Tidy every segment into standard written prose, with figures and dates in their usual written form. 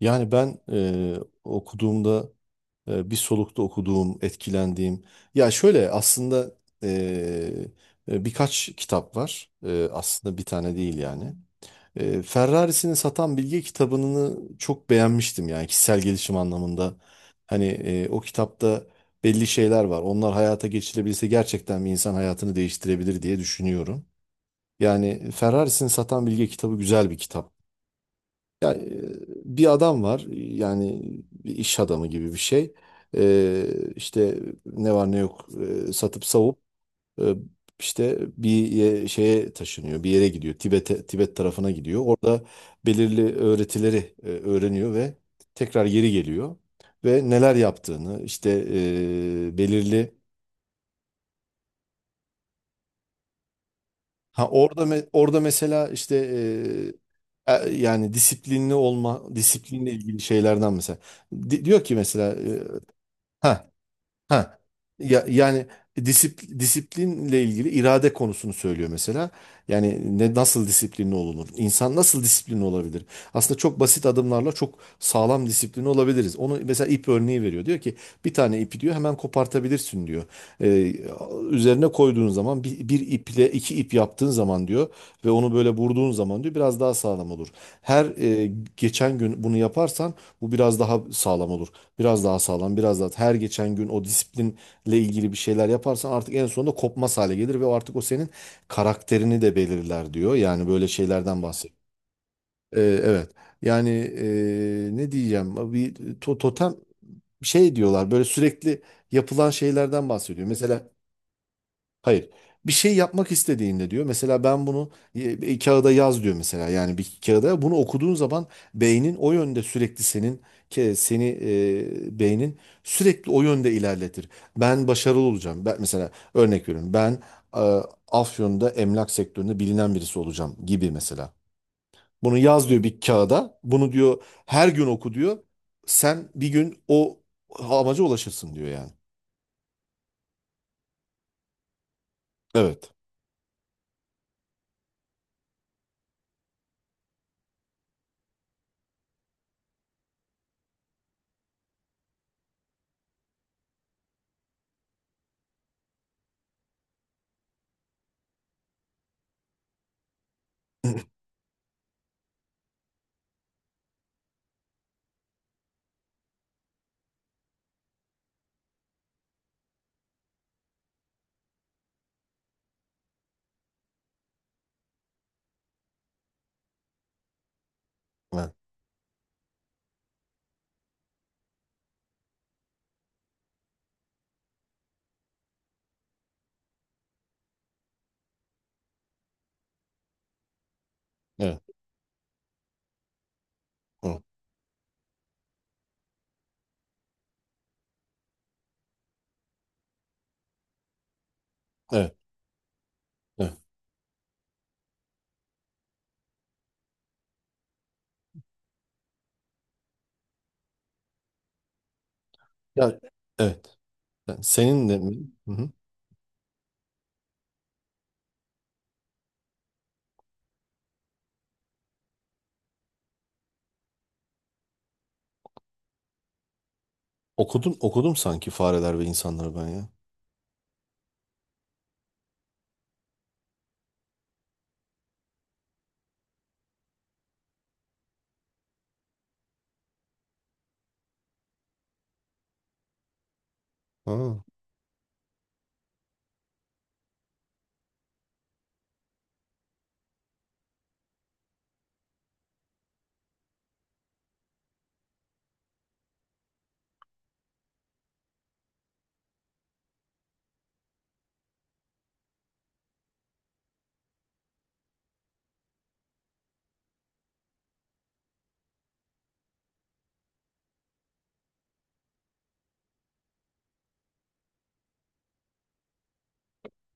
Yani ben okuduğumda bir solukta okuduğum, etkilendiğim. Ya şöyle aslında, e, birkaç kitap var. Aslında bir tane değil yani. Ferrarisini Satan Bilge kitabını çok beğenmiştim, yani kişisel gelişim anlamında. Hani o kitapta belli şeyler var. Onlar hayata geçirebilse gerçekten bir insan hayatını değiştirebilir diye düşünüyorum. Yani Ferrarisini Satan Bilge kitabı güzel bir kitap. E, Bir adam var yani, bir iş adamı gibi bir şey. Ee, işte ne var ne yok satıp savup e, işte bir şeye taşınıyor, bir yere gidiyor, Tibet'e, Tibet tarafına gidiyor. Orada belirli öğretileri öğreniyor ve tekrar geri geliyor ve neler yaptığını işte, belirli, ha orada orada mesela işte, yani disiplinli olma, disiplinle ilgili şeylerden mesela. Diyor ki mesela. Ha, ha. Ya, yani disiplinle ilgili irade konusunu söylüyor mesela. Yani ne, nasıl disiplinli olunur? İnsan nasıl disiplinli olabilir? Aslında çok basit adımlarla çok sağlam disiplinli olabiliriz. Onu mesela ip örneği veriyor. Diyor ki bir tane ipi diyor hemen kopartabilirsin diyor. Ee, Üzerine koyduğun zaman bir iple iki ip yaptığın zaman diyor ve onu böyle vurduğun zaman diyor biraz daha sağlam olur. Her e, geçen gün bunu yaparsan bu biraz daha sağlam olur. Biraz daha sağlam, biraz daha. Her geçen gün o disiplinle ilgili bir şeyler yaparsan artık en sonunda kopmaz hale gelir ve o artık o senin karakterini de belirler diyor. Yani böyle şeylerden bahsediyor. Evet. Yani ne diyeceğim? Bir totem şey diyorlar. Böyle sürekli yapılan şeylerden bahsediyor. Mesela. Hayır. Bir şey yapmak istediğinde diyor. Mesela ben bunu bir kağıda yaz diyor mesela. Yani bir kağıda bunu okuduğun zaman beynin o yönde sürekli senin seni, beynin sürekli o yönde ilerletir. Ben başarılı olacağım. Ben mesela örnek veriyorum. Ben e, Afyon'da emlak sektöründe bilinen birisi olacağım gibi mesela. Bunu yaz diyor bir kağıda. Bunu diyor her gün oku diyor. Sen bir gün o amaca ulaşırsın diyor yani. Evet. Evet. Evet. Evet. Evet. Ya, evet. Yani senin de mi? Hı hı. Okudum, okudum sanki Fareler ve İnsanları ben ya. Ha.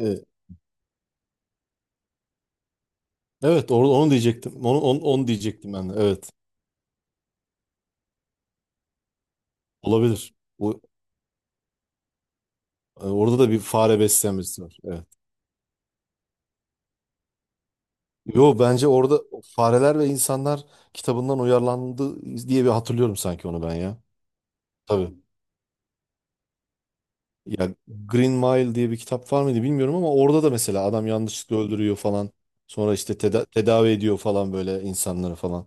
Evet, evet, orada onu diyecektim. Onu diyecektim ben de. Evet. Olabilir. Bu, orada da bir fare besleyen birisi var. Evet. Yo, bence orada Fareler ve İnsanlar kitabından uyarlandı diye bir hatırlıyorum sanki onu ben ya. Tabii. Ya, Green Mile diye bir kitap var mıydı bilmiyorum, ama orada da mesela adam yanlışlıkla öldürüyor falan. Sonra işte tedavi ediyor falan, böyle insanları falan.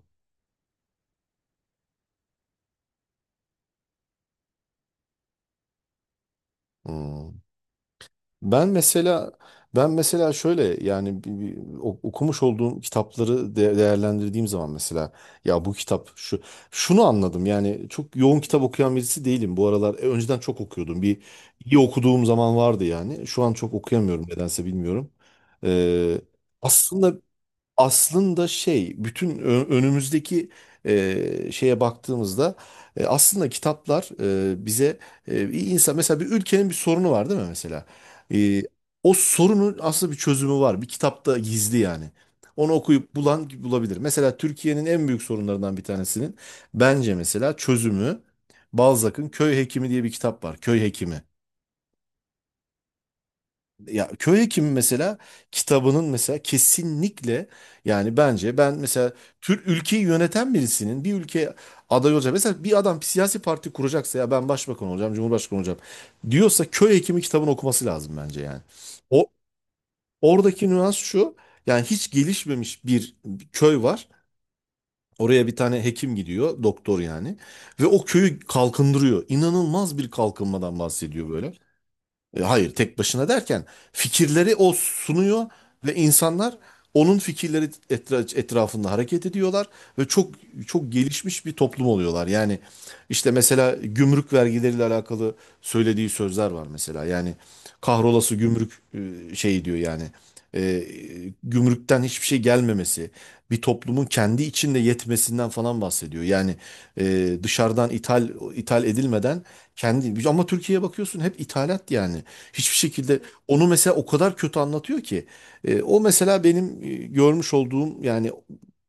Hmm. Ben mesela, şöyle yani, okumuş olduğum kitapları değerlendirdiğim zaman mesela, ya bu kitap şunu anladım yani. Çok yoğun kitap okuyan birisi değilim bu aralar. Önceden çok okuyordum, bir iyi okuduğum zaman vardı yani, şu an çok okuyamıyorum nedense, bilmiyorum. Ee, Aslında, şey, bütün önümüzdeki şeye baktığımızda, aslında kitaplar bize, bir insan mesela, bir ülkenin bir sorunu var değil mi mesela? E, O sorunun aslında bir çözümü var. Bir kitapta gizli yani. Onu okuyup bulabilir. Mesela Türkiye'nin en büyük sorunlarından bir tanesinin bence mesela çözümü, Balzac'ın Köy Hekimi diye bir kitap var. Köy Hekimi. Ya, köy hekimi mesela kitabının mesela kesinlikle, yani bence ben mesela Türk ülkeyi yöneten birisinin, bir ülke aday olacak. Mesela bir adam bir siyasi parti kuracaksa, ya ben başbakan olacağım, cumhurbaşkanı olacağım diyorsa, köy hekimi kitabını okuması lazım bence yani. O Oradaki nüans şu. Yani hiç gelişmemiş bir köy var. Oraya bir tane hekim gidiyor, doktor yani, ve o köyü kalkındırıyor. İnanılmaz bir kalkınmadan bahsediyor böyle. Hayır, tek başına derken fikirleri o sunuyor ve insanlar onun fikirleri etrafında hareket ediyorlar, ve çok, çok gelişmiş bir toplum oluyorlar. Yani işte mesela gümrük vergileriyle alakalı söylediği sözler var mesela. Yani kahrolası gümrük, şey diyor yani, e, gümrükten hiçbir şey gelmemesi, bir toplumun kendi içinde yetmesinden falan bahsediyor. Yani dışarıdan ithal edilmeden kendi, ama Türkiye'ye bakıyorsun hep ithalat yani. Hiçbir şekilde, onu mesela o kadar kötü anlatıyor ki. O mesela benim görmüş olduğum yani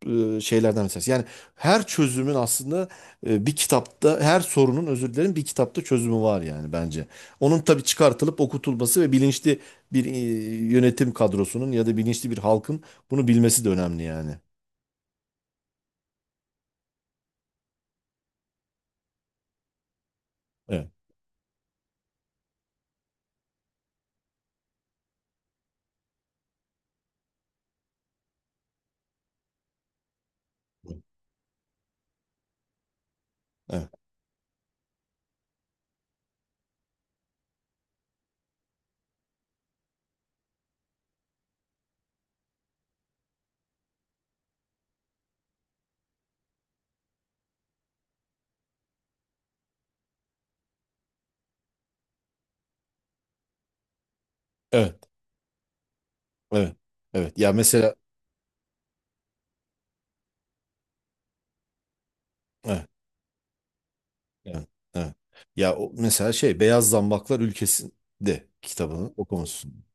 şeylerden mesela. Yani her çözümün aslında bir kitapta, her sorunun, özür dilerim, bir kitapta çözümü var yani bence. Onun tabii çıkartılıp okutulması ve bilinçli bir yönetim kadrosunun ya da bilinçli bir halkın bunu bilmesi de önemli yani. Evet. Evet. Evet. Evet. Evet. Ya mesela, evet. Evet, evet. Ya o mesela, şey, Beyaz Zambaklar Ülkesi'nde kitabını okumuşsun.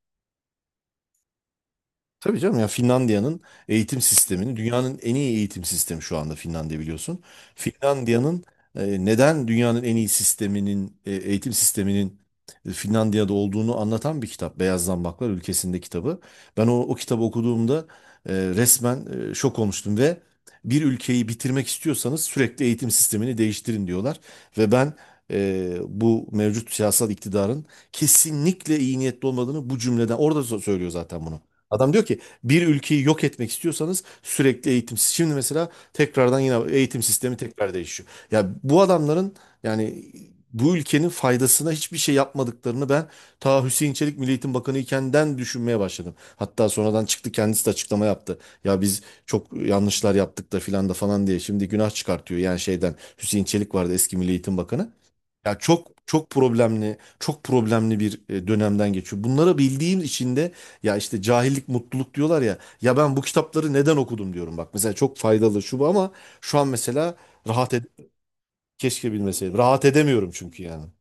Tabii canım, ya Finlandiya'nın eğitim sistemini, dünyanın en iyi eğitim sistemi şu anda Finlandiya, biliyorsun. Finlandiya'nın neden dünyanın en iyi sisteminin, eğitim sisteminin Finlandiya'da olduğunu anlatan bir kitap. Beyaz Zambaklar Ülkesi'nde kitabı. Ben o kitabı okuduğumda resmen şok olmuştum, ve bir ülkeyi bitirmek istiyorsanız sürekli eğitim sistemini değiştirin diyorlar. Ve ben bu mevcut siyasal iktidarın kesinlikle iyi niyetli olmadığını, bu cümleden orada söylüyor zaten bunu. Adam diyor ki bir ülkeyi yok etmek istiyorsanız sürekli eğitim. Şimdi mesela tekrardan yine eğitim sistemi tekrar değişiyor. Ya bu adamların yani bu ülkenin faydasına hiçbir şey yapmadıklarını ben ta Hüseyin Çelik Milli Eğitim Bakanı ikenden düşünmeye başladım. Hatta sonradan çıktı, kendisi de açıklama yaptı. Ya biz çok yanlışlar yaptık da filan da falan diye şimdi günah çıkartıyor. Yani şeyden, Hüseyin Çelik vardı, eski Milli Eğitim Bakanı. Ya çok çok problemli, çok problemli bir dönemden geçiyor. Bunları bildiğim için de, ya işte cahillik mutluluk diyorlar ya. Ya ben bu kitapları neden okudum diyorum bak. Mesela çok faydalı şu bu, ama şu an mesela rahat ed keşke bilmeseydim. Rahat edemiyorum çünkü yani.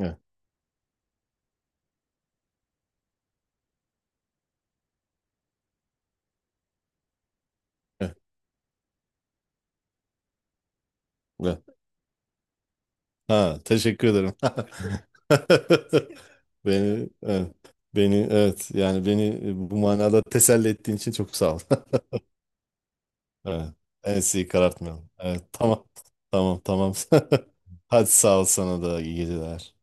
Evet, evet, evet. Ha, teşekkür ederim. Beni, evet, beni, evet, yani beni bu manada teselli ettiğin için çok sağ ol. Evet. Ensiyi karartmayalım. Evet, tamam. Tamam, tamam. Hadi, sağ ol, sana da iyi geceler.